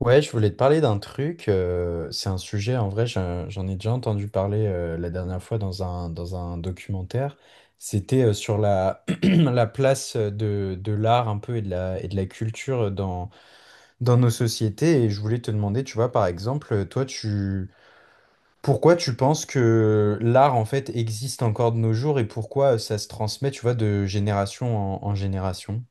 Ouais, je voulais te parler d'un truc. C'est un sujet, en vrai, j'en ai déjà entendu parler la dernière fois dans dans un documentaire. C'était sur la place de l'art un peu et de et de la culture dans nos sociétés. Et je voulais te demander, tu vois, par exemple, toi, tu, pourquoi tu penses que l'art, en fait, existe encore de nos jours et pourquoi ça se transmet, tu vois, de génération en génération?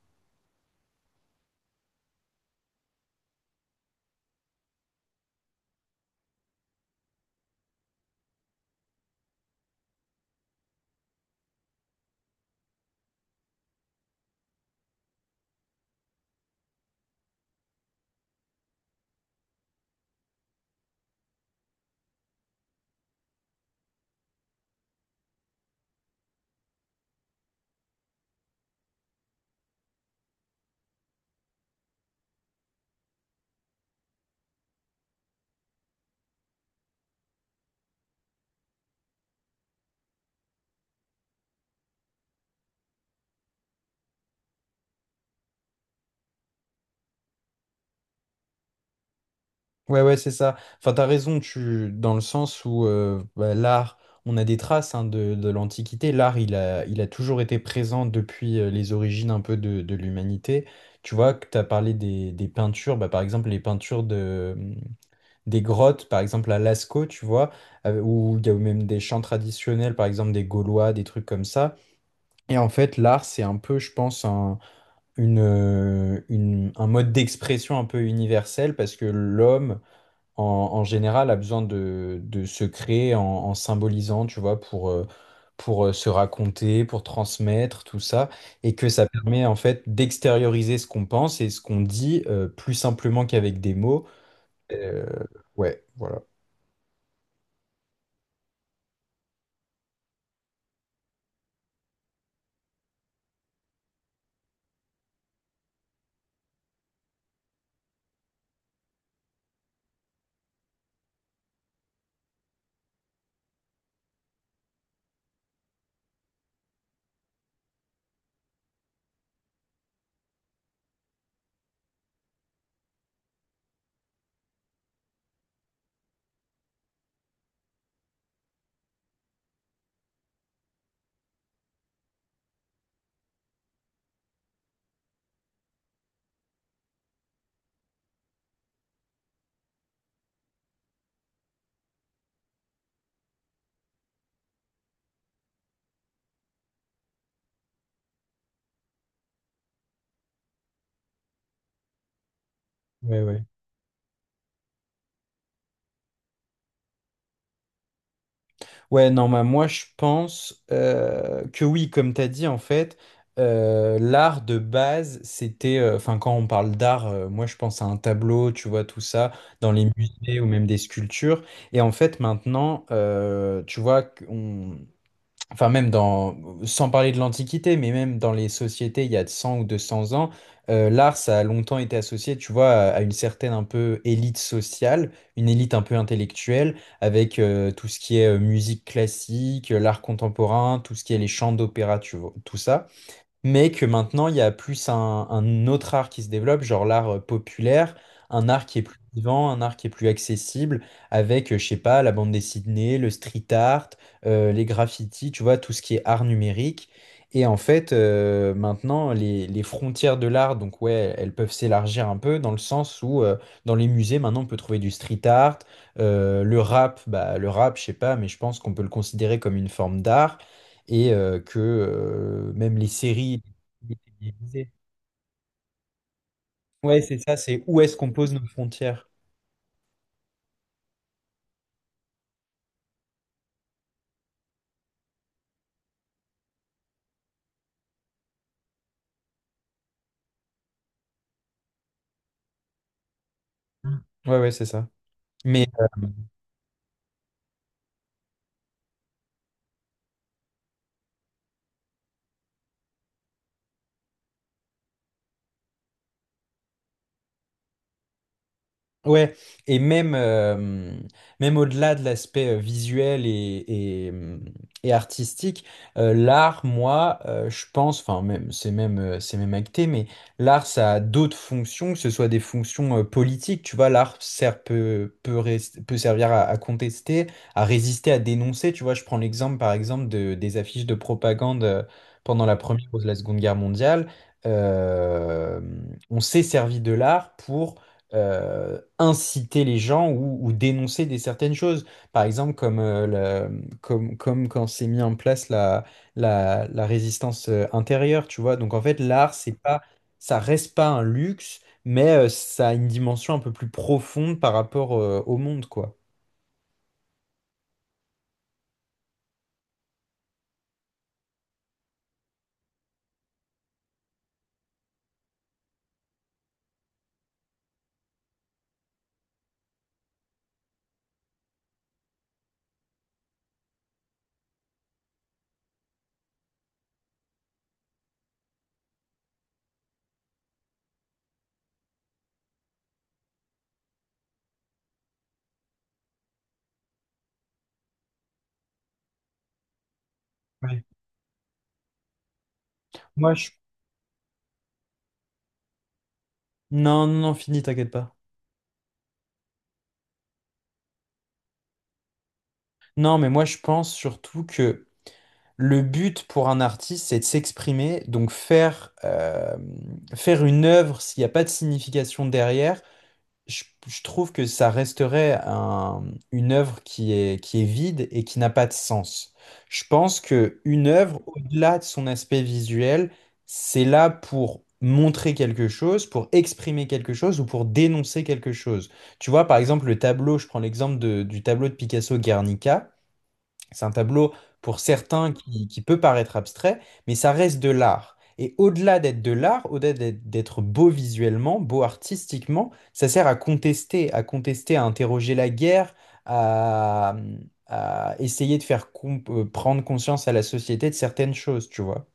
Ouais, ouais, c'est ça. Enfin, t'as raison, tu... dans le sens où bah, l'art, on a des traces hein, de l'Antiquité. L'art, il a toujours été présent depuis les origines un peu de l'humanité. Tu vois, que t'as parlé des peintures, bah, par exemple, les peintures des grottes, par exemple à Lascaux, tu vois, où il y a même des chants traditionnels, par exemple des Gaulois, des trucs comme ça. Et en fait, l'art, c'est un peu, je pense, un mode d'expression un peu universel parce que l'homme en, en général, a besoin de se créer en, en symbolisant, tu vois, pour se raconter, pour transmettre, tout ça, et que ça permet en fait d'extérioriser ce qu'on pense et ce qu'on dit plus simplement qu'avec des mots. Euh, ouais, voilà. Ouais, ouais. Ouais, non, bah, moi je pense que oui, comme tu as dit, en fait, l'art de base, c'était, enfin, quand on parle d'art, moi je pense à un tableau, tu vois, tout ça, dans les musées ou même des sculptures. Et en fait, maintenant, tu vois, enfin même sans parler de l'Antiquité, mais même dans les sociétés il y a 100 ou 200 ans, l'art, ça a longtemps été associé, tu vois, à une certaine un peu élite sociale, une élite un peu intellectuelle, avec tout ce qui est musique classique, l'art contemporain, tout ce qui est les chants d'opéra, tu vois, tout ça, mais que maintenant il y a plus un autre art qui se développe, genre l'art populaire, un art qui est plus vivant, un art qui est plus accessible, avec, je sais pas, la bande dessinée, le street art, les graffitis, tu vois, tout ce qui est art numérique. Et en fait, maintenant, les frontières de l'art, donc ouais, elles peuvent s'élargir un peu dans le sens où dans les musées, maintenant, on peut trouver du street art, le rap, bah, le rap, je sais pas, mais je pense qu'on peut le considérer comme une forme d'art et que même les séries. Ouais, c'est ça, c'est où est-ce qu'on pose nos frontières. Mm. Ouais, ouais, c'est ça. Mais, ouais, et même, même au-delà de l'aspect visuel et artistique, l'art, moi, je pense, enfin, même, c'est même, c'est même acté, mais l'art, ça a d'autres fonctions, que ce soit des fonctions politiques, tu vois, l'art sert, peut, peut servir à contester, à résister, à dénoncer, tu vois, je prends l'exemple, par exemple, des affiches de propagande pendant la Première ou la Seconde Guerre mondiale. Euh, on s'est servi de l'art pour inciter les gens ou dénoncer des certaines choses. Par exemple, comme, comme quand s'est mis en place la résistance intérieure, tu vois. Donc en fait, l'art, c'est pas, ça reste pas un luxe, mais ça a une dimension un peu plus profonde par rapport au monde, quoi. Ouais. Moi, je... Non, non, non, fini, t'inquiète pas. Non, mais moi, je pense surtout que le but pour un artiste, c'est de s'exprimer, donc faire, faire une œuvre s'il n'y a pas de signification derrière. Je trouve que ça resterait une œuvre qui est vide et qui n'a pas de sens. Je pense que une œuvre, au-delà de son aspect visuel, c'est là pour montrer quelque chose, pour exprimer quelque chose ou pour dénoncer quelque chose. Tu vois, par exemple, le tableau, je prends l'exemple du tableau de Picasso Guernica. C'est un tableau pour certains qui peut paraître abstrait, mais ça reste de l'art. Et au-delà d'être de l'art, au-delà d'être beau visuellement, beau artistiquement, ça sert à contester, à contester, à interroger la guerre, à, à essayer de faire prendre conscience à la société de certaines choses, tu vois.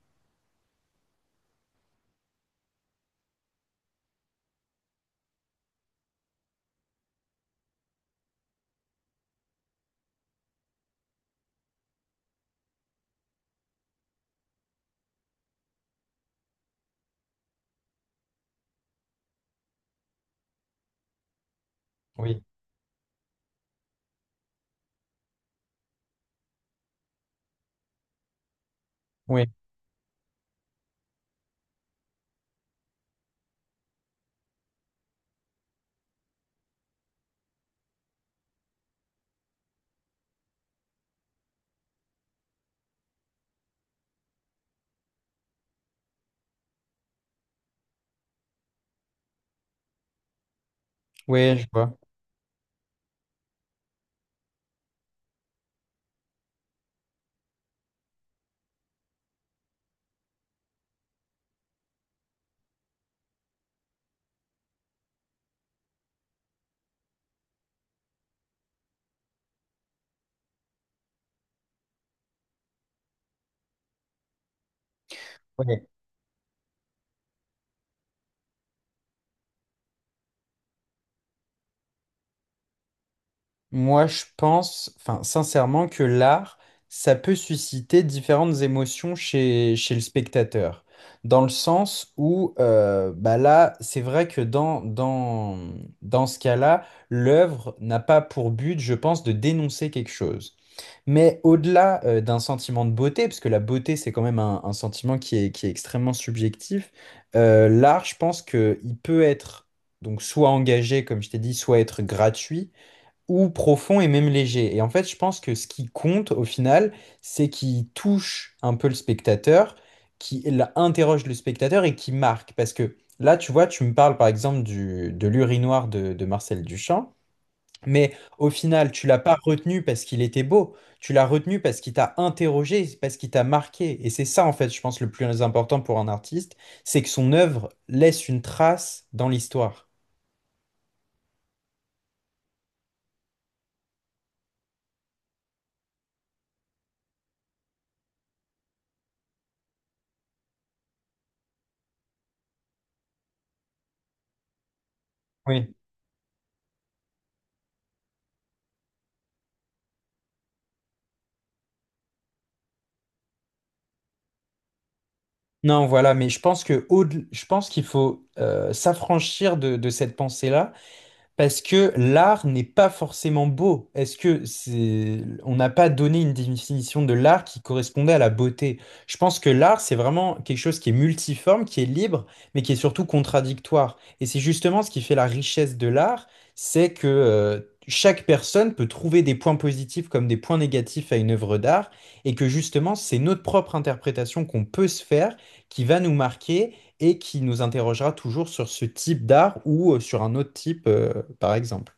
Oui, oui, oui, je vois. Moi, je pense, enfin, sincèrement, que l'art, ça peut susciter différentes émotions chez, chez le spectateur. Dans le sens où, bah là, c'est vrai que dans, dans, dans ce cas-là, l'œuvre n'a pas pour but, je pense, de dénoncer quelque chose. Mais au-delà, d'un sentiment de beauté, parce que la beauté, c'est quand même un sentiment qui est extrêmement subjectif, l'art, je pense qu'il peut être donc soit engagé, comme je t'ai dit, soit être gratuit ou profond et même léger. Et en fait, je pense que ce qui compte au final, c'est qu'il touche un peu le spectateur, qu'il interroge le spectateur et qui marque. Parce que là, tu vois, tu me parles par exemple du, de l'urinoir de Marcel Duchamp, mais au final, tu l'as pas retenu parce qu'il était beau, tu l'as retenu parce qu'il t'a interrogé, parce qu'il t'a marqué. Et c'est ça, en fait, je pense, le plus important pour un artiste, c'est que son œuvre laisse une trace dans l'histoire. Non, voilà, mais je pense que je pense qu'il faut s'affranchir de cette pensée-là. Parce que l'art n'est pas forcément beau. Est-ce que c'est... On n'a pas donné une définition de l'art qui correspondait à la beauté. Je pense que l'art, c'est vraiment quelque chose qui est multiforme, qui est libre, mais qui est surtout contradictoire. Et c'est justement ce qui fait la richesse de l'art, c'est que chaque personne peut trouver des points positifs comme des points négatifs à une œuvre d'art, et que justement, c'est notre propre interprétation qu'on peut se faire qui va nous marquer et qui nous interrogera toujours sur ce type d'art ou sur un autre type, par exemple.